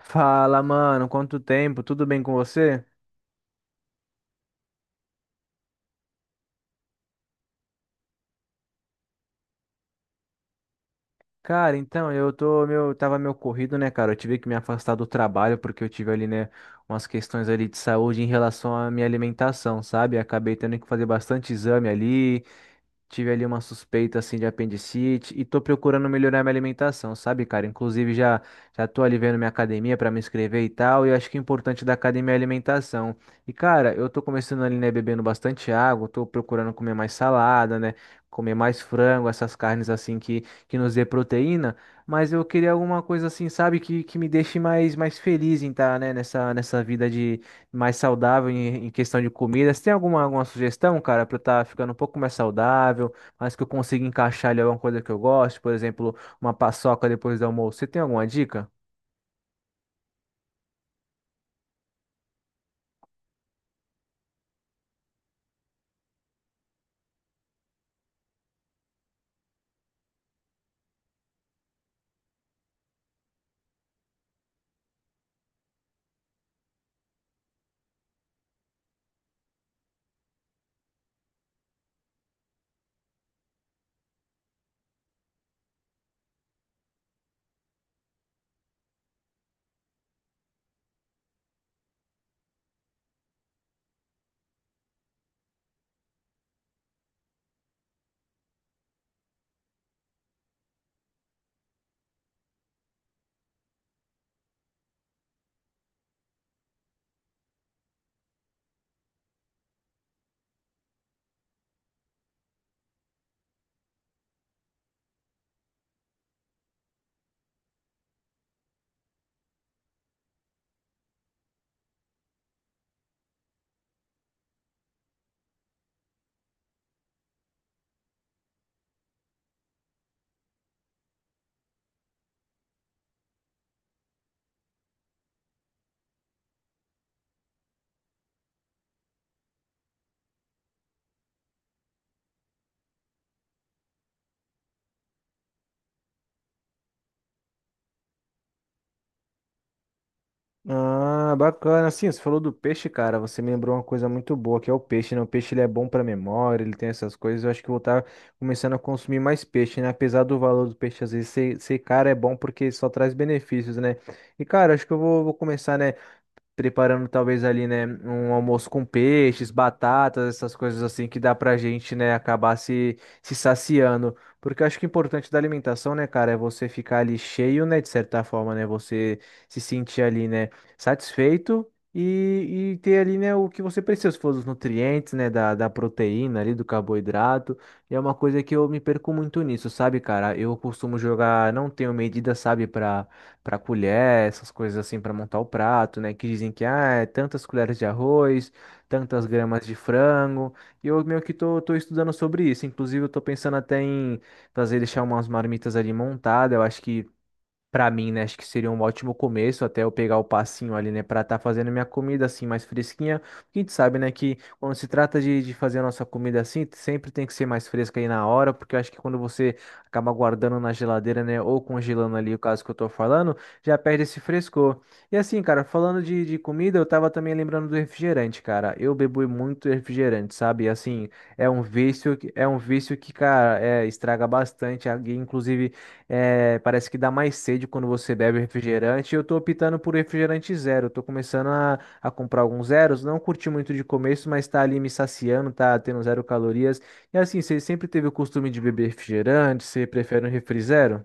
Fala, mano, quanto tempo? Tudo bem com você? Cara, então, tava meio corrido, né, cara? Eu tive que me afastar do trabalho porque eu tive ali, né, umas questões ali de saúde em relação à minha alimentação, sabe? Acabei tendo que fazer bastante exame ali. Tive ali uma suspeita assim de apendicite e tô procurando melhorar minha alimentação, sabe, cara? Inclusive já tô ali vendo minha academia para me inscrever e tal, e eu acho que o importante da academia é a alimentação. E cara, eu tô começando ali, né, bebendo bastante água, tô procurando comer mais salada, né, comer mais frango, essas carnes assim que nos dê proteína, mas eu queria alguma coisa assim, sabe, que me deixe mais feliz em estar, né, nessa vida mais saudável em, em questão de comida. Você tem alguma sugestão, cara, pra eu estar ficando um pouco mais saudável, mas que eu consiga encaixar ali alguma coisa que eu gosto, por exemplo, uma paçoca depois do almoço. Você tem alguma dica? Ah, bacana. Assim, você falou do peixe, cara. Você me lembrou uma coisa muito boa, que é o peixe, né? O peixe ele é bom pra memória, ele tem essas coisas. Eu acho que eu vou estar começando a consumir mais peixe, né? Apesar do valor do peixe às vezes ser caro, é bom porque só traz benefícios, né? E, cara, acho que eu vou começar, né, preparando talvez ali, né, um almoço com peixes, batatas, essas coisas assim que dá pra gente, né, acabar se saciando. Porque eu acho que o importante da alimentação, né, cara, é você ficar ali cheio, né, de certa forma, né, você se sentir ali, né, satisfeito e ter ali, né, o que você precisa, se for os nutrientes, né, da proteína ali, do carboidrato. E é uma coisa que eu me perco muito nisso, sabe, cara? Eu costumo jogar, não tenho medida, sabe, pra para colher, essas coisas assim para montar o prato, né? Que dizem que ah, é tantas colheres de arroz, tantas gramas de frango. E eu meio que tô estudando sobre isso. Inclusive, eu tô pensando até em fazer deixar umas marmitas ali montadas. Eu acho que pra mim, né, acho que seria um ótimo começo até eu pegar o passinho ali, né, pra tá fazendo minha comida assim mais fresquinha. Porque a gente sabe, né, que quando se trata de fazer a nossa comida assim, sempre tem que ser mais fresca aí na hora, porque eu acho que quando você acaba guardando na geladeira, né, ou congelando ali, o caso que eu tô falando, já perde esse frescor. E assim, cara, falando de comida, eu tava também lembrando do refrigerante, cara. Eu bebo muito refrigerante, sabe? Assim, é um vício que, cara, é, estraga bastante. Alguém, inclusive, é, parece que dá mais sede quando você bebe refrigerante. Eu tô optando por refrigerante zero. Eu tô começando a comprar alguns zeros. Não curti muito de começo, mas tá ali me saciando, tá tendo zero calorias. E assim, você sempre teve o costume de beber refrigerante? Você prefere um refri zero?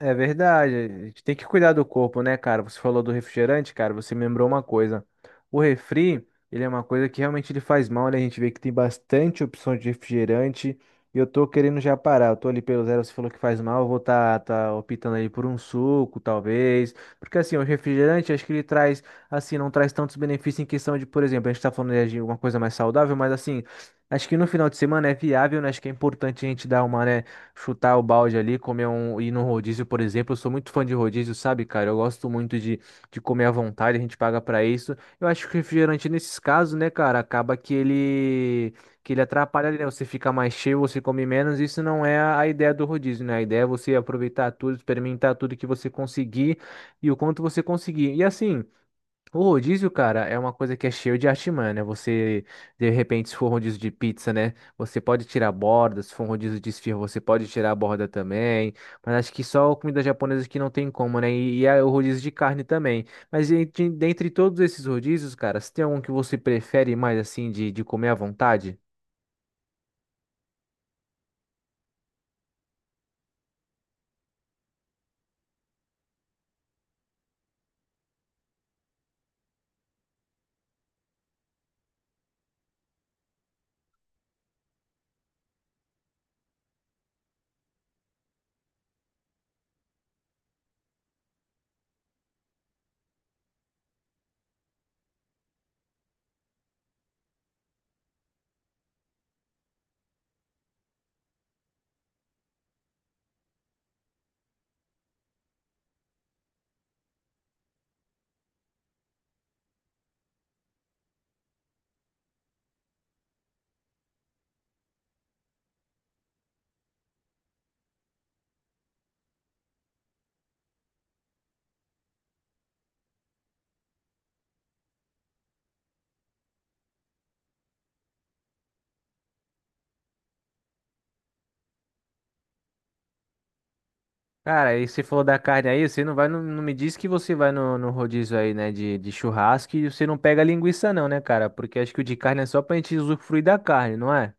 É verdade, a gente tem que cuidar do corpo, né, cara? Você falou do refrigerante, cara, você me lembrou uma coisa. O refri, ele é uma coisa que realmente ele faz mal, né? A gente vê que tem bastante opção de refrigerante e eu tô querendo já parar. Eu tô ali pelo zero, você falou que faz mal, eu vou tá optando aí por um suco, talvez. Porque assim, o refrigerante, acho que ele traz, assim, não traz tantos benefícios em questão de, por exemplo, a gente tá falando né, de uma coisa mais saudável, mas assim, acho que no final de semana é viável, né? Acho que é importante a gente dar uma, né, chutar o balde ali, comer um, ir num rodízio, por exemplo. Eu sou muito fã de rodízio, sabe, cara? Eu gosto muito de comer à vontade, a gente paga pra isso. Eu acho que o refrigerante, nesses casos, né, cara, acaba que ele atrapalha, né? Você fica mais cheio, você come menos. Isso não é a ideia do rodízio, né? A ideia é você aproveitar tudo, experimentar tudo que você conseguir e o quanto você conseguir. E assim, o rodízio, cara, é uma coisa que é cheio de artimanha, né? Você, de repente, se for um rodízio de pizza, né? Você pode tirar a borda, se for um rodízio de esfirra, você pode tirar a borda também. Mas acho que só comida japonesa que não tem como, né? E é o rodízio de carne também. Mas dentre todos esses rodízios, cara, se tem algum que você prefere mais, assim, de comer à vontade? Cara, aí você falou da carne aí, você não vai, no- não, me diz que você vai no rodízio aí, né, de churrasco e você não pega linguiça não, né, cara? Porque acho que o de carne é só pra gente usufruir da carne, não é?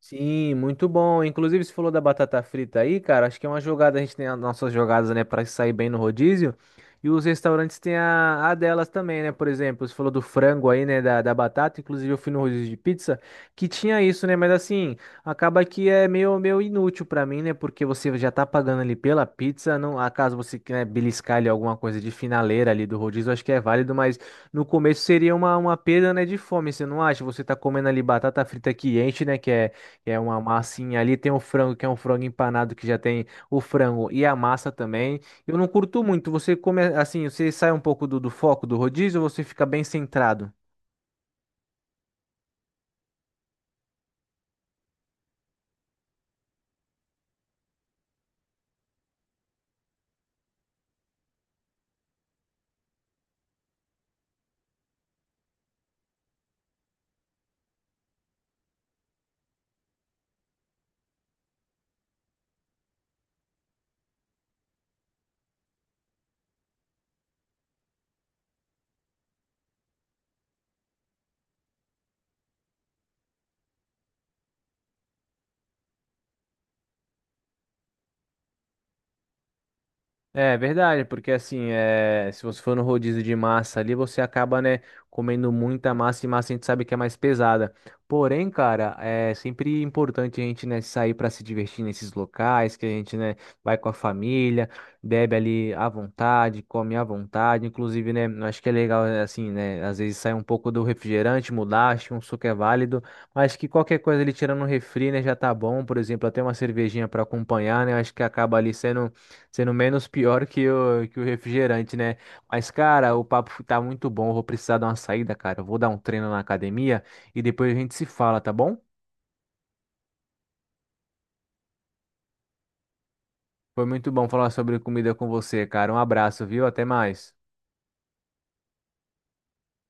Sim, muito bom. Inclusive, você falou da batata frita aí, cara. Acho que é uma jogada, a gente tem as nossas jogadas, né, para sair bem no rodízio. E os restaurantes têm a delas também, né? Por exemplo, você falou do frango aí, né, da batata. Inclusive, eu fui no rodízio de pizza que tinha isso, né? Mas assim, acaba que é meio inútil para mim, né? Porque você já tá pagando ali pela pizza. Não, acaso você quer né, beliscar ali alguma coisa de finaleira ali do rodízio, acho que é válido, mas no começo seria uma perda, né, de fome, você não acha? Você tá comendo ali batata frita que enche, né? Que é uma massinha ali. Tem o frango, que é um frango empanado, que já tem o frango e a massa também. Eu não curto muito. Você come assim, você sai um pouco do foco do rodízio ou você fica bem centrado? É verdade, porque assim, é, se você for no rodízio de massa ali, você acaba, né, comendo muita massa e massa a gente sabe que é mais pesada. Porém, cara, é sempre importante a gente, né, sair para se divertir nesses locais, que a gente, né, vai com a família, bebe ali à vontade, come à vontade. Inclusive, né, eu acho que é legal, é, assim, né, às vezes sair um pouco do refrigerante, mudar, acho que um suco é válido, mas que qualquer coisa ali tirando um refri, né, já tá bom. Por exemplo, até uma cervejinha para acompanhar, né, eu acho que acaba ali sendo sendo menos pior que o refrigerante, né? Mas, cara, o papo tá muito bom. Eu vou precisar dar uma saída, cara. Eu vou dar um treino na academia e depois a gente se fala, tá bom? Foi muito bom falar sobre comida com você, cara. Um abraço, viu? Até mais.